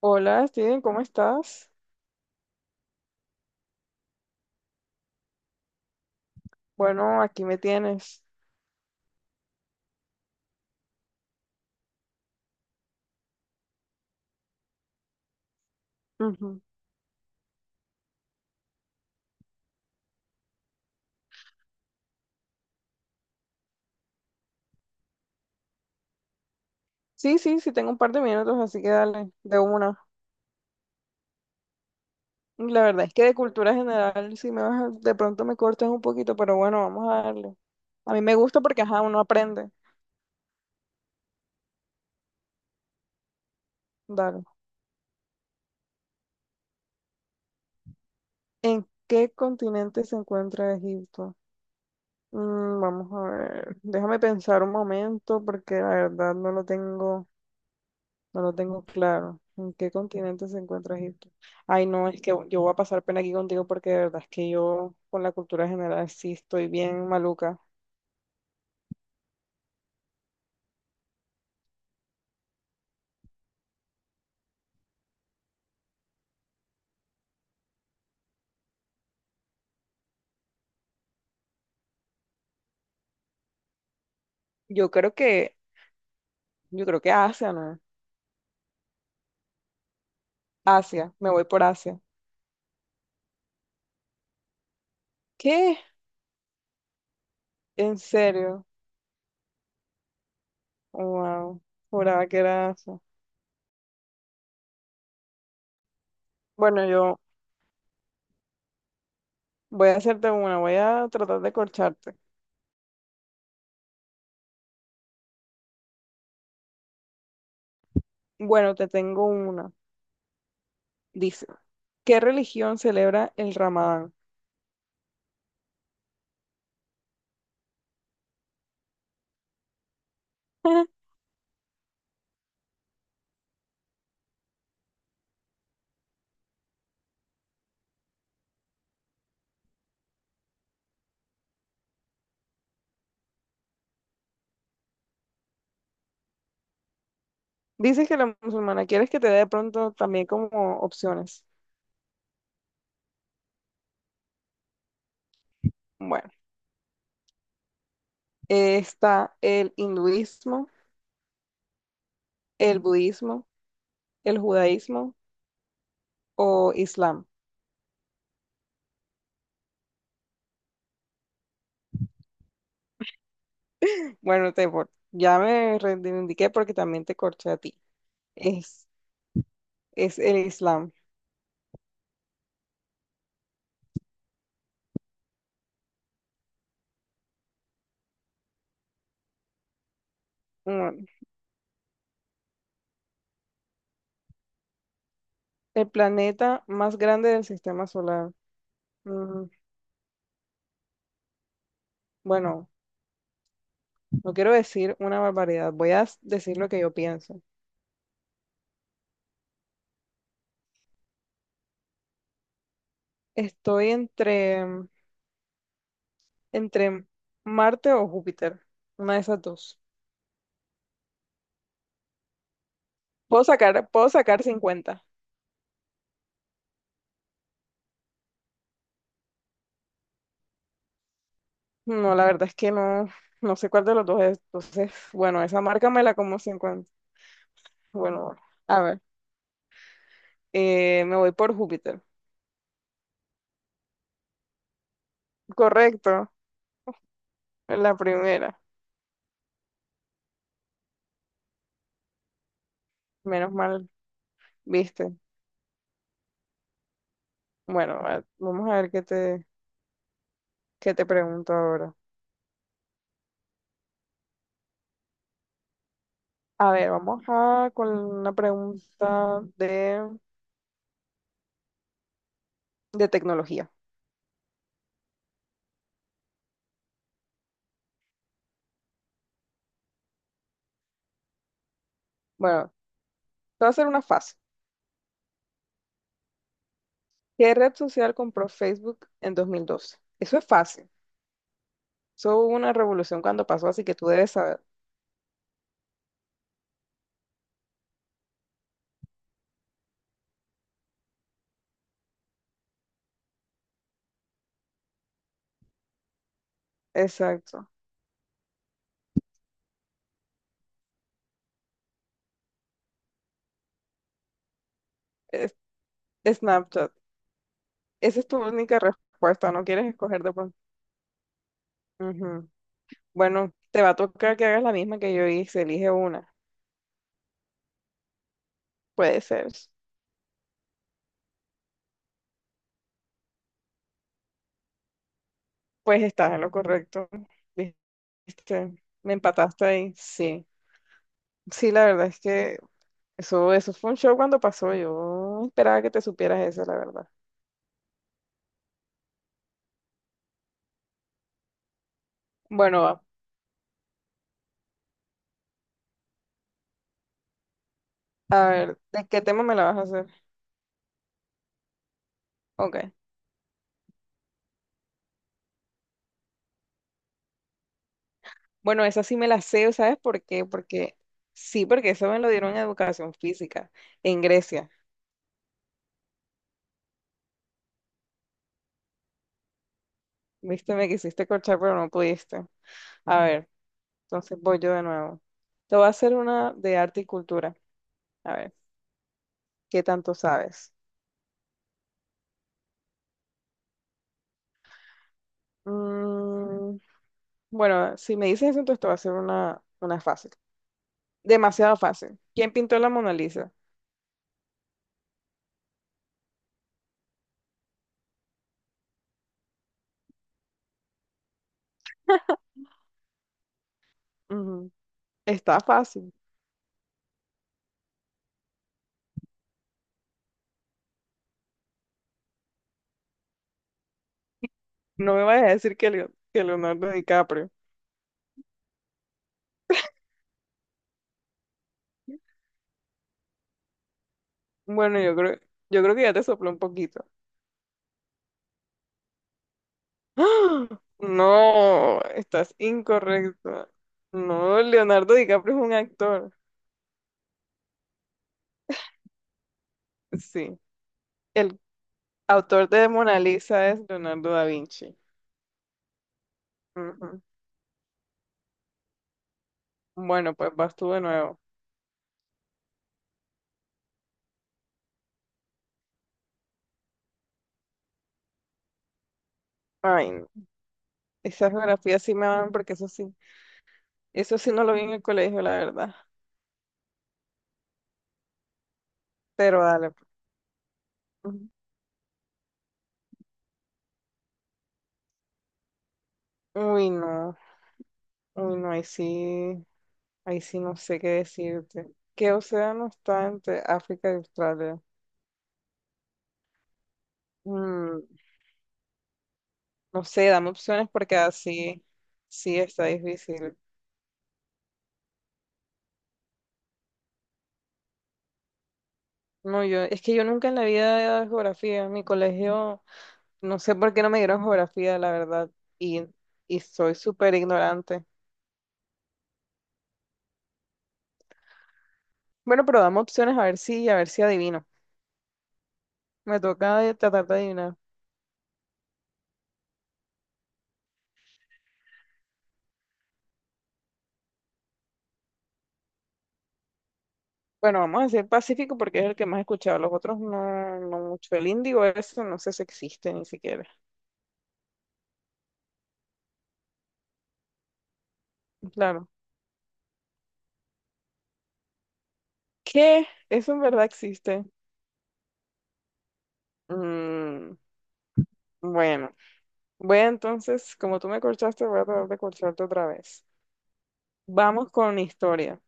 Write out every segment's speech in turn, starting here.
Hola, Steven, ¿cómo estás? Bueno, aquí me tienes. Ujú. Sí, sí, sí, tengo un par de minutos, así que dale, de una. La verdad es que de cultura general, si me vas a- de pronto me cortas un poquito, pero bueno, vamos a darle. A mí me gusta porque, ajá, uno aprende. Dale. ¿En qué continente se encuentra Egipto? Vamos a ver, déjame pensar un momento porque la verdad no lo tengo. No lo tengo claro. ¿En qué continente se encuentra Egipto? Ay, no, es que yo voy a pasar pena aquí contigo porque de verdad es que yo con la cultura general sí estoy bien maluca. Yo creo que, yo creo que Asia, ¿no? Asia, me voy por Asia. ¿Qué? ¿En serio? Wow, juraba que era Asia. Bueno, yo voy a hacerte una, voy a tratar de corcharte. Bueno, te tengo una. Dice, ¿qué religión celebra el Ramadán? Dices que la musulmana, ¿quieres que te dé de pronto también como opciones? Bueno, está el hinduismo, el budismo, el judaísmo o islam. Bueno, ya me reivindiqué porque también te corché a ti. Es, es el islam. Bueno, el planeta más grande del sistema solar. Mm, bueno, no quiero decir una barbaridad, decir lo que yo pienso. Estoy entre, entre Marte o Júpiter, una de esas dos. Puedo sacar cincuenta. No, la verdad es que no, no sé cuál de los dos es. Entonces, bueno, esa marca me la como cincuenta. Bueno, a ver, me voy por Júpiter. Correcto, la primera. Menos mal, viste. Bueno, vamos a ver qué te pregunto ahora. A ver, vamos a con una pregunta de tecnología. Bueno, te voy a hacer una fácil. ¿Qué red social compró Facebook en 2012? Eso es fácil. Eso hubo una revolución cuando pasó, así que tú debes saber. Exacto. Es- Snapchat. Esa es tu única respuesta. No quieres escoger de pronto. Ujú. Bueno, te va a tocar que hagas la misma que yo hice. Elige una. Puede ser. Pues estás en lo correcto. Viste, me empataste ahí. Sí. Sí, la verdad es que eso fue un show cuando pasó. Yo esperaba que te supieras eso, la verdad. Bueno, va. A ver, ¿de qué tema me la vas a hacer? Ok. Bueno, esa sí me la sé, ¿sabes por qué? Porque sí, porque eso me lo dieron en educación física en Grecia. Viste, me quisiste corchar, pero no pudiste. A ver, entonces voy yo de nuevo. Te voy a hacer una de arte y cultura. A ver, ¿qué tanto sabes? Mm, bueno, si me dices eso, entonces te voy a hacer una fácil. Demasiado fácil. ¿Quién pintó la Mona Lisa? Ujú, está fácil. No me vayas a decir que, que Leonardo DiCaprio. Bueno, yo creo que ya te sopló un poquito. ¡Ah! No, estás incorrecto. No, Leonardo DiCaprio es un actor. Sí, el autor de Mona Lisa es Leonardo da Vinci. Ujú. Bueno, pues vas tú de nuevo. Ay, no, esas geografías sí me van porque eso sí no lo vi en el colegio, la verdad. Pero dale, pues. Ujú. Uy, no, uy, no, ahí sí no sé qué decirte. ¿Qué océano está entre África y Australia? Mm, No sé, dame opciones porque así sí está difícil. No, yo, es que yo nunca en la vida he dado geografía. En mi colegio, no sé por qué no me dieron geografía, la verdad. Y, y soy súper ignorante. Bueno, pero dame opciones a ver si adivino. Me toca tratar de adivinar. Bueno, vamos a decir Pacífico porque es el que más he escuchado. Los otros no, no mucho. El Índigo, eso no sé si existe ni siquiera. Claro. ¿Qué? ¿Eso en verdad existe? Mm, bueno. Voy a entonces, como tú me corchaste, voy a tratar de corcharte otra vez. Vamos con historia.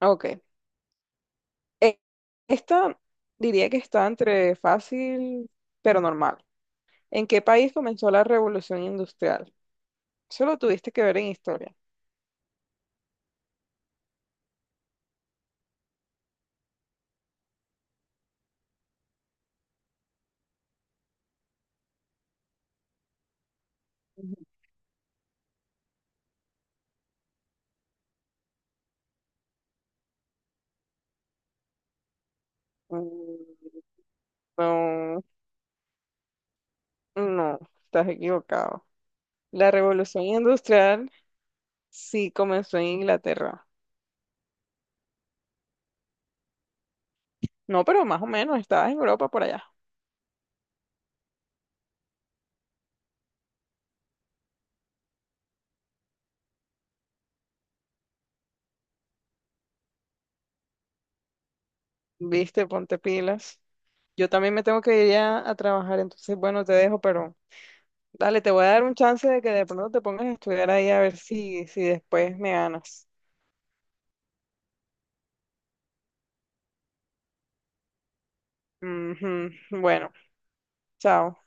Ok. E- Esta diría que está entre fácil pero normal. ¿En qué país comenzó la revolución industrial? Solo tuviste que ver en historia. Mm, No, no, estás equivocado. La revolución industrial sí comenzó en Inglaterra. No, pero más o menos, estabas en Europa por allá. Viste, ponte pilas. Yo también me tengo que ir ya a trabajar, entonces bueno, te dejo, pero dale, te voy a dar un chance de que de pronto te pongas a estudiar ahí a ver si, si después me ganas. Ujú, bueno, chao.